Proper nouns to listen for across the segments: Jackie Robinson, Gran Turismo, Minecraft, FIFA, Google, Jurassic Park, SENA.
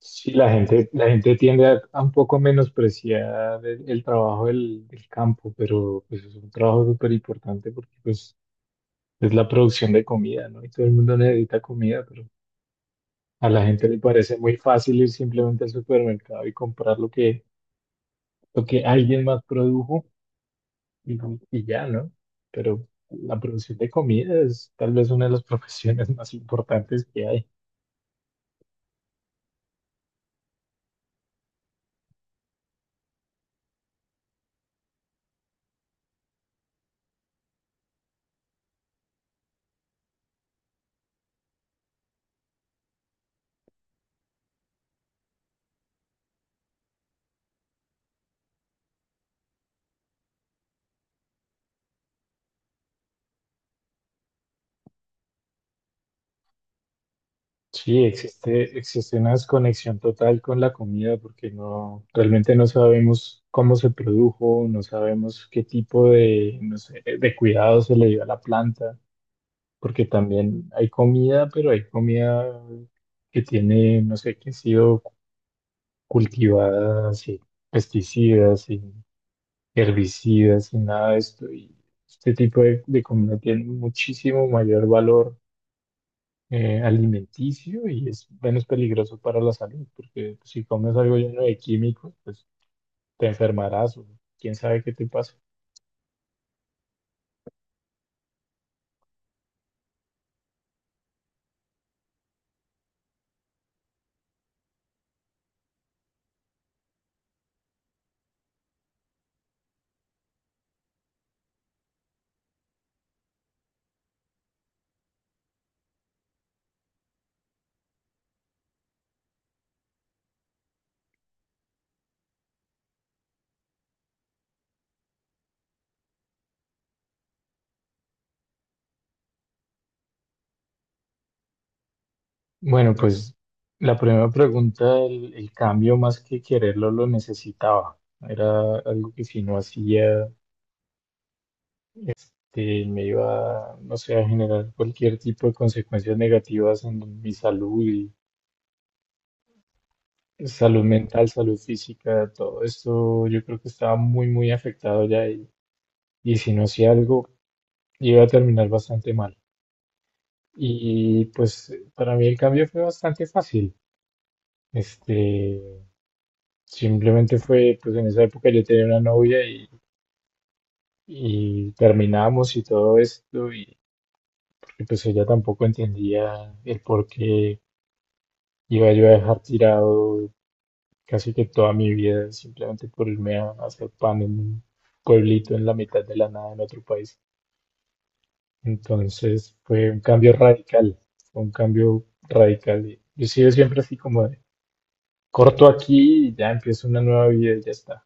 Sí, la gente tiende a un poco menospreciar el trabajo del campo, pero pues es un trabajo súper importante porque pues es la producción de comida, ¿no? Y todo el mundo necesita comida, pero a la gente le parece muy fácil ir simplemente al supermercado y comprar lo que alguien más produjo y, y ya, ¿no? Pero la producción de comida es tal vez una de las profesiones más importantes que hay. Sí, existe una desconexión total con la comida porque no, realmente no sabemos cómo se produjo, no sabemos qué tipo de, no sé, de cuidado se le dio a la planta, porque también hay comida, pero hay comida que tiene, no sé, que ha sido cultivada sin pesticidas, sin herbicidas, sin nada de esto. Y este tipo de comida tiene muchísimo mayor valor alimenticio y es menos peligroso para la salud, porque pues, si comes algo lleno de químicos, pues te enfermarás o quién sabe qué te pasa. Bueno, pues la primera pregunta, el cambio más que quererlo lo necesitaba. Era algo que si no hacía, me iba, no sé, a generar cualquier tipo de consecuencias negativas en mi salud y salud mental, salud física, todo esto yo creo que estaba muy afectado ya y si no hacía algo iba a terminar bastante mal. Y pues para mí el cambio fue bastante fácil. Este, Simplemente fue, pues en esa época yo tenía una novia y terminamos y todo esto, y porque pues ella tampoco entendía el por qué iba yo a dejar tirado casi que toda mi vida simplemente por irme a hacer pan en un pueblito en la mitad de la nada en otro país. Entonces fue un cambio radical, fue un cambio radical. Yo he sido siempre así como corto aquí y ya empiezo una nueva vida y ya está.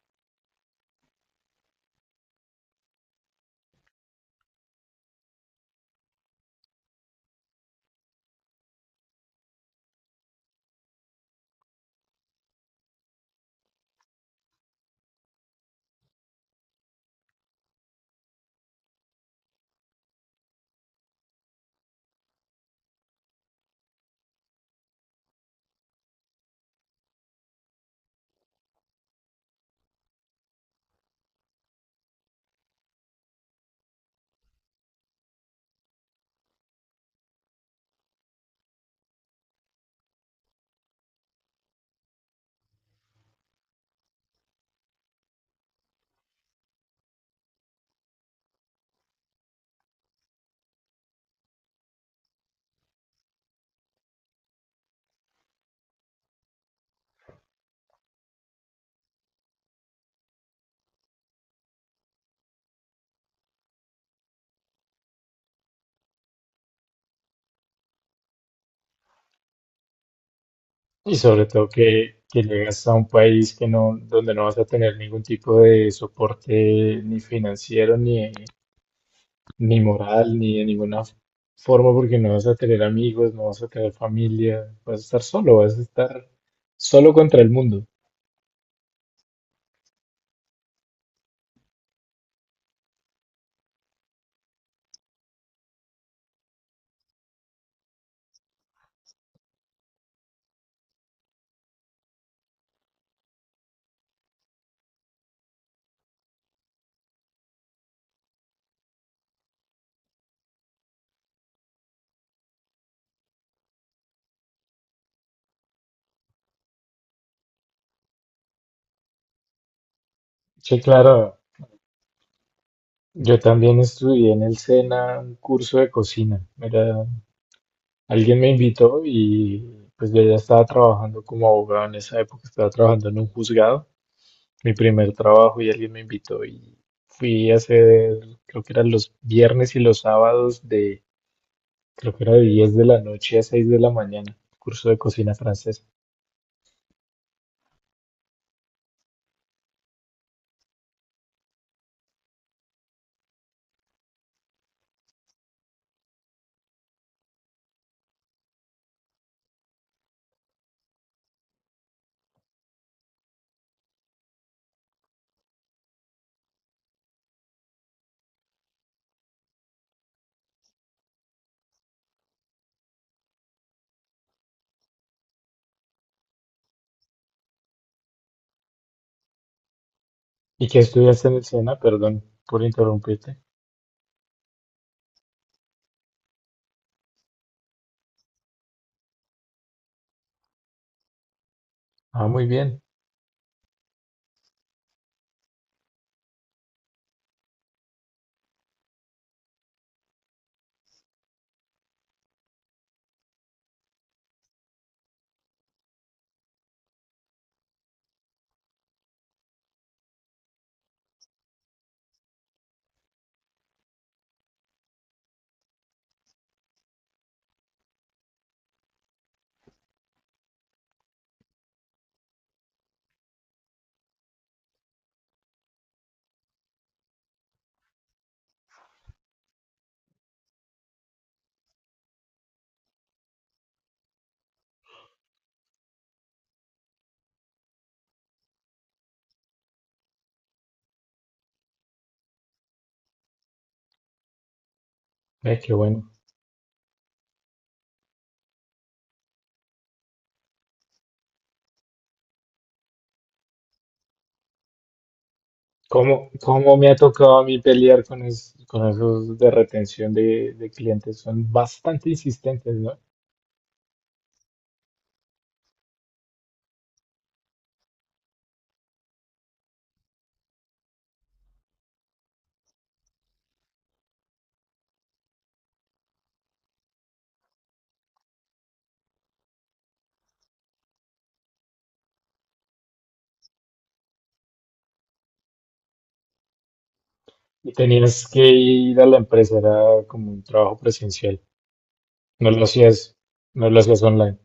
Y sobre todo que llegas a un país que no, donde no vas a tener ningún tipo de soporte ni financiero, ni, ni moral, ni de ninguna forma, porque no vas a tener amigos, no vas a tener familia, vas a estar solo, vas a estar solo contra el mundo. Sí, claro, yo también estudié en el SENA un curso de cocina. Era. Alguien me invitó y pues yo ya estaba trabajando como abogado en esa época, estaba trabajando en un juzgado, mi primer trabajo y alguien me invitó y fui a hacer, creo que eran los viernes y los sábados de, creo que era de 10 de la noche a 6 de la mañana, curso de cocina francesa. ¿Y que estudiaste en el SENA? Perdón por interrumpirte. Ah, muy bien, ve qué bueno. ¿Cómo, cómo me ha tocado a mí pelear con, es- con esos de retención de clientes? Son bastante insistentes, ¿no? Y tenías que ir a la empresa, era como un trabajo presencial. No lo hacías, no lo hacías online.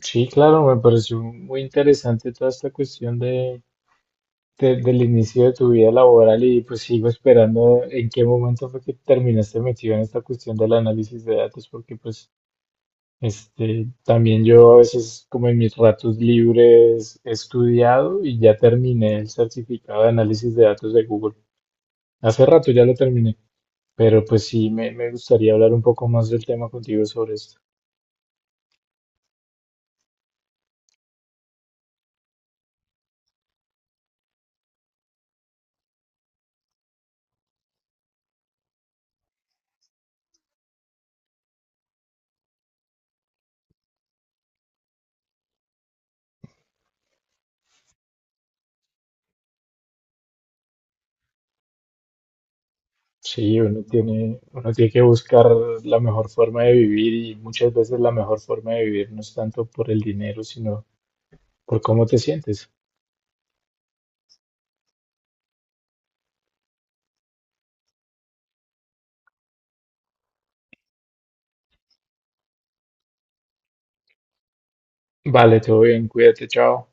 Sí, claro, me pareció muy interesante toda esta cuestión de- del inicio de tu vida laboral y pues sigo esperando en qué momento fue que terminaste metido en esta cuestión del análisis de datos, porque pues este también yo a veces como en mis ratos libres he estudiado y ya terminé el certificado de análisis de datos de Google. Hace rato ya lo terminé. Pero pues sí, me gustaría hablar un poco más del tema contigo sobre esto. Sí, uno tiene que buscar la mejor forma de vivir y muchas veces la mejor forma de vivir no es tanto por el dinero, sino por cómo te sientes. Vale, todo bien, cuídate, chao.